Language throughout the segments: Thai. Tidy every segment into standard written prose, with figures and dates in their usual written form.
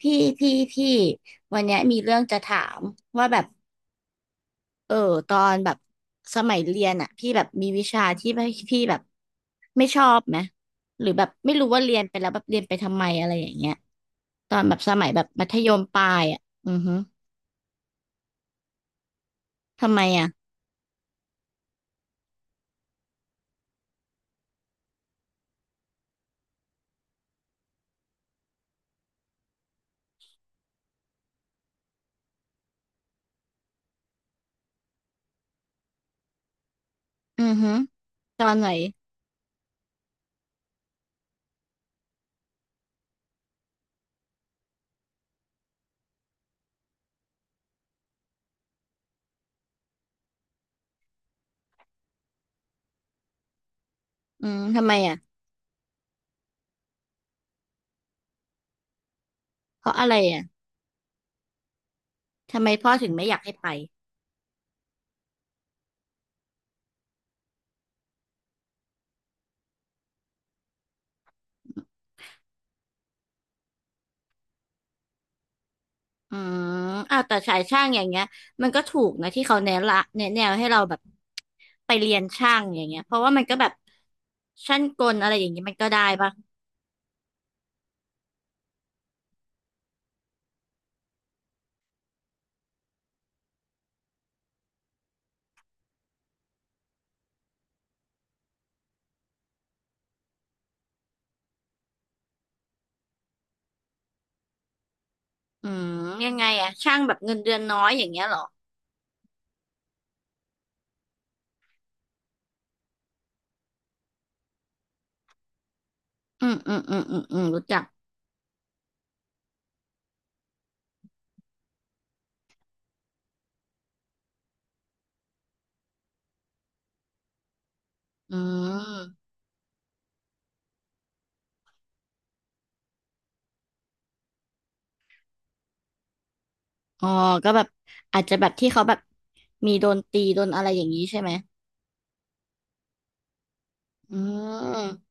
พี่พี่วันเนี้ยมีเรื่องจะถามว่าแบบเออตอนแบบสมัยเรียนอ่ะพี่แบบมีวิชาที่ไม่พี่แบบไม่ชอบไหมหรือแบบไม่รู้ว่าเรียนไปแล้วแบบเรียนไปทำไมอะไรอย่างเงี้ยตอนแบบสมัยแบบมัธยมปลายอ่ะอือฮึทำไมอ่ะอือฮึตอนไหนอืมทำไมอ่ะเพราะอะไรอ่ะทำไมพ่อถึงไม่อยากให้ไป อืมอ้าวแต่สายช่างอย่างเงี้ยมันก็ถูกนะที่เขาแนะละแนะแนวให้เราแบบไปเรียนช่างอย่างเงี้ยเพราะว่ามันก็แบบช่างกลอะไรอย่างเงี้ยมันก็ได้ปะอืมยังไงอะช่างแบบเงินเดือนน้อยอย่างเงี้ยเหรออืมรู้จักอืมอ๋อก็แบบอาจจะแบบที่เขาแบบมีโดนตีโดนอะไรอย่างนี้ใช่ไหมอืม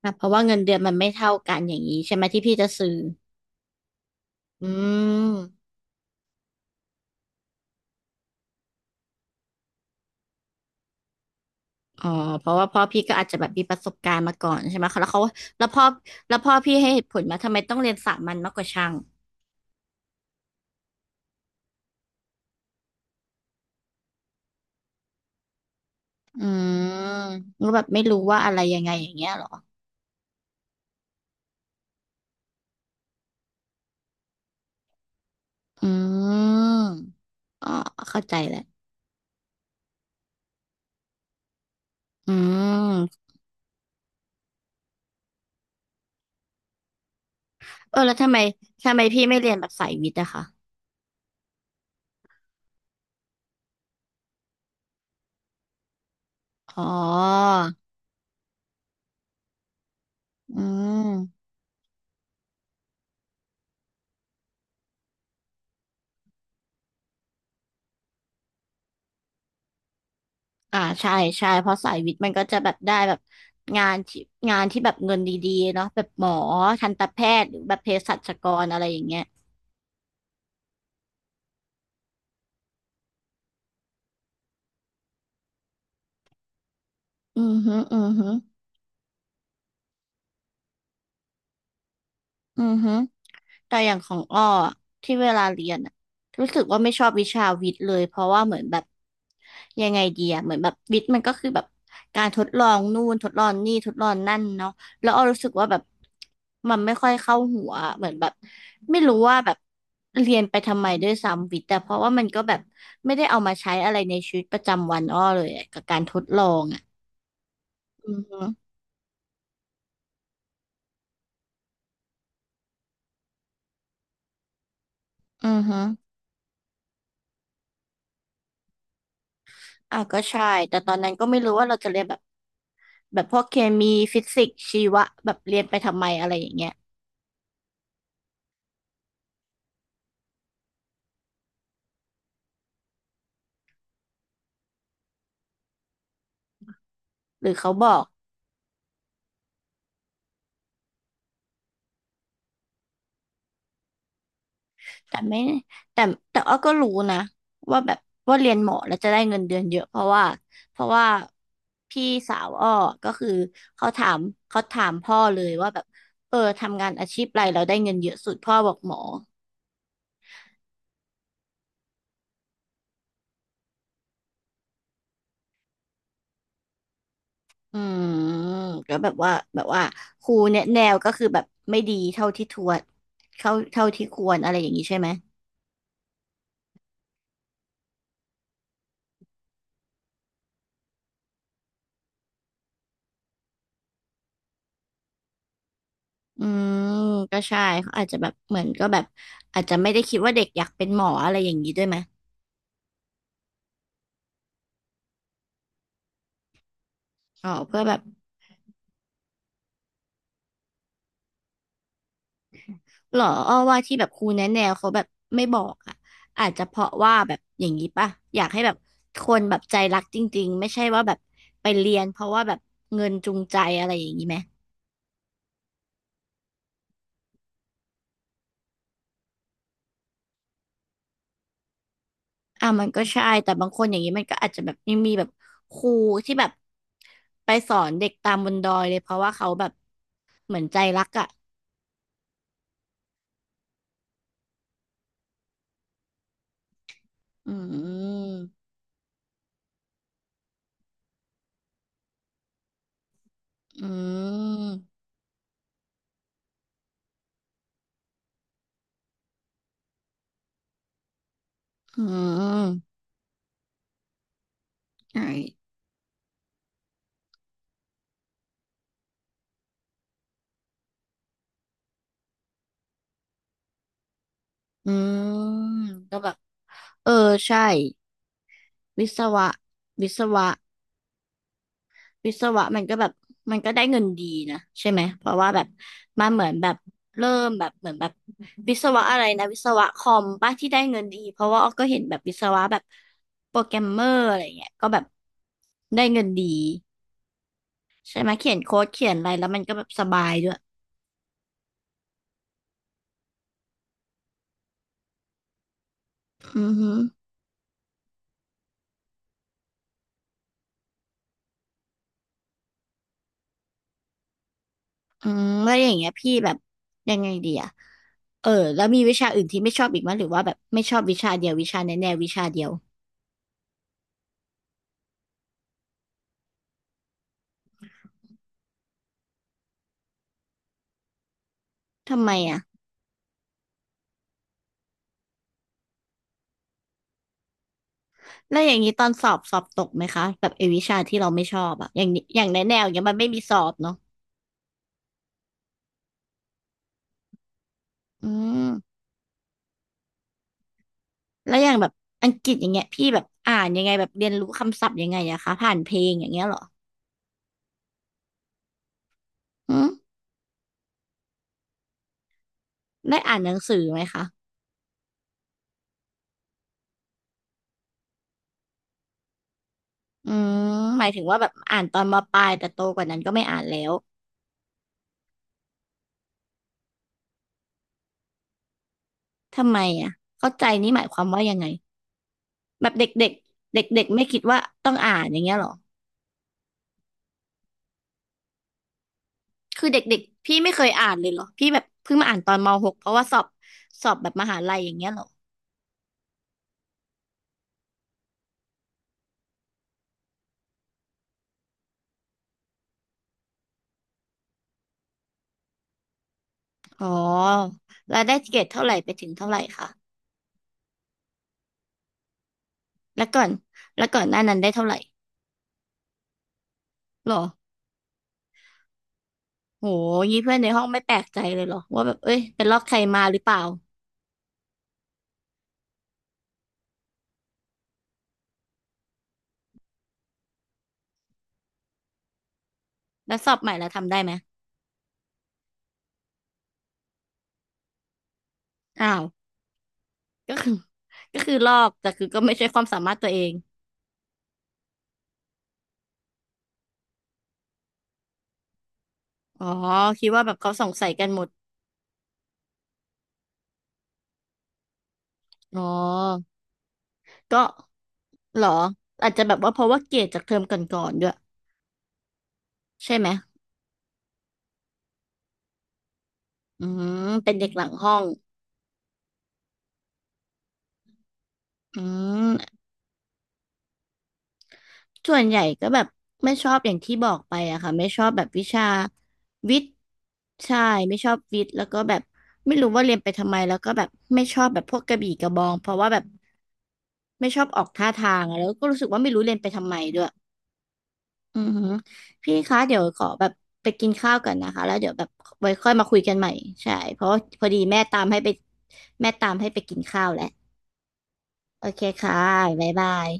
แบบเพราะว่าเงินเดือนมันไม่เท่ากันอย่างนี้ใช่ไหมที่พี่จะซื้ออืม อ๋อเพราะว่าพ่อพี่ก็อาจจะแบบมีประสบการณ์มาก่อนใช่ไหมคะแล้วเขาแล้วพ่อแล้วพ่อพี่ให้เหตุผลมาทำไมต้องเรียนสามัญมากกว่าช่างอืมแล้วแบบไม่รู้ว่าอะไรยังไงอย่างเงี้ยเหรออืมอ๋อเข้าใจแล้วอืมแล้วทำไมทำไมพี่ไม่เรียนแบบสายวิทย์อะคะอ๋ออืมอ่าใช่ใช่เพราะสายวิทย์มันก็จะแบบได้แบบงานที่งานที่แบบเงินดีๆเนาะแบบหมอทันตแพทย์หรือแบบเภสัชกรอะไรอย่างเงี้ย อือฮึอือฮึอือฮึแต่อย่างของอ้ออะที่เวลาเรียนอะรู้สึกว่าไม่ชอบวิชาวิทย์เลยเพราะว่าเหมือนแบบยังไงดีอะเหมือนแบบวิทย์มันก็คือแบบการทดลองนู่นทดลองนี่ทดลองนั่นเนาะแล้วอ้อรู้สึกว่าแบบมันไม่ค่อยเข้าหัวเหมือนแบบไม่รู้ว่าแบบเรียนไปทำไมด้วยซ้ำวิทย์แต่เพราะว่ามันก็แบบไม่ได้เอามาใช้อะไรในชีวิตประจำวันอ้อเลยอะกับการทดลองอะอือฮึอือฮึอ่ะก็ใช่แต่ตอนนั้นก็ไม่รู้ว่าเราจะเรียนแบบ แบบพวกเคมีฟิสิกส์ชีวะแบบเรียนไปทำไมอะไรอย่างเงี้ยหรือเขาบอกแต่ไม่แต่แต่อ้อก็รู้นะว่าแบบว่าเรียนหมอแล้วจะได้เงินเดือนเยอะเพราะว่าพี่สาวอ้อก็คือเขาถามเขาถามพ่อเลยว่าแบบทำงานอาชีพอะไรเราได้เงินเยอะสุดพ่อบอกหมออืมแล้วแบบว่าครูเนี่ยแนวก็คือแบบไม่ดีเท่าที่ทวดเท่าที่ควรอะไรอย่างนี้ใช่ไหม อืมก็ใช่เขาอาจจะแบบเหมือนก็แบบอาจจะไม่ได้คิดว่าเด็กอยากเป็นหมออะไรอย่างนี้ด้วยไหมอ๋อเพื่อแบบหรออ้อว่าที่แบบครูแนะแนวเขาแบบไม่บอกอ่ะอาจจะเพราะว่าแบบอย่างนี้ป่ะอยากให้แบบคนแบบใจรักจริงๆไม่ใช่ว่าแบบไปเรียนเพราะว่าแบบเงินจูงใจอะไรอย่างนี้ไหมอ่ะมันก็ใช่แต่บางคนอย่างนี้มันก็อาจจะแบบยังมีแบบครูที่แบบไปสอนเด็กตามบนดอยเลยเพราะว่าเขาแบบเหมือนใจรักอ่ะอืม อืมอืมใช่อืมก็แบบเออใช่วิศวะวิศวะวิศวะมันก็แบบมันก็ได้เงินดีนะใช่ไหมเพราะว่าแบบมันเหมือนแบบเริ่มแบบเหมือนแบบวิศวะอะไรนะวิศวะคอมป้าที่ได้เงินดีเพราะว่าอ้อก็เห็นแบบวิศวะแบบโปรแกรมเมอร์อะไรเงี้ยก็แบบได้เงินดีใช่ไหมเขียนโค้ดเขียนอะไรแล้วมันก็แบบสบายด้วยอือฮึ อืมแล้วอย่างเงี้ยพี่แบบยังไงดีอะเออแล้วมีวิชาอื่นที่ไม่ชอบอีกไหมยหรือว่าแบบไม่ชอบวิชาเดียววิชาแน่ๆวิชาเดียวทำไมอะแล้วอย่างนี้ตอนสอบสอบตกไหมคะแบบไอ้วิชาที่เราไม่ชอบอะอย่างนี้อย่างแน่ๆอย่างเงี้ยมันไม่มีสอบเนาะอืมแล้วอย่างแบบอังกฤษอย่างเงี้ยพี่แบบอ่านยังไงแบบเรียนรู้คำศัพท์ยังไงอะคะผ่านเพลงอย่างเงี้ยเหรออืมได้อ่านหนังสือไหมคะอืมหมายถึงว่าแบบอ่านตอนมปลายแต่โตกว่านั้นก็ไม่อ่านแล้วทำไมอะเข้าใจนี่หมายความว่ายังไง แบบเด็กๆเด็กเด็กๆไม่คิดว่าต้องอ่านอย่างเงี้ยเหรอคือเด็กๆพี่ไม่เคยอ่านเลยเหรอพี่แบบเพิ่งมาอ่านตอนมหกเพราะว่าสอบสอบแบบมหาลัยอย่างเงี้ยเหรออ๋อแล้วได้เกรดเท่าไหร่ไปถึงเท่าไหร่คะแล้วก่อนแล้วก่อนหน้านั้นได้เท่าไหร่เหรอโหงี้เพื่อนในห้องไม่แปลกใจเลยเหรอว่าแบบเอ้ยเป็นลอกใครมาหรือเปล่าแล้วสอบใหม่แล้วทำได้ไหมอ้าวก็คือ ก็คือลอกแต่คือก็ไม่ใช่ความสามารถตัวเองอ๋อคิดว่าแบบเขาสงสัยกันหมดอ๋อ ก็เหรออาจจะแบบว่าเพราะว่าเกรดจากเทอมก่อนๆด้วยใช่ไหมอืมเป็นเด็กหลังห้องอืมส่วนใหญ่ก็แบบไม่ชอบอย่างที่บอกไปอะค่ะไม่ชอบแบบวิชาวิทย์ใช่ไม่ชอบวิทย์แล้วก็แบบไม่รู้ว่าเรียนไปทำไมแล้วก็แบบไม่ชอบแบบพวกกระบี่กระบองเพราะว่าแบบไม่ชอบออกท่าทางอะแล้วก็รู้สึกว่าไม่รู้เรียนไปทำไมด้วย อือหือพี่คะเดี๋ยวขอแบบไปกินข้าวกันนะคะแล้วเดี๋ยวแบบไว้ค่อยมาคุยกันใหม่ใช่เพราะว่าพอดีแม่ตามให้ไปแม่ตามให้ไปกินข้าวแล้วโอเคค่ะบ๊ายบาย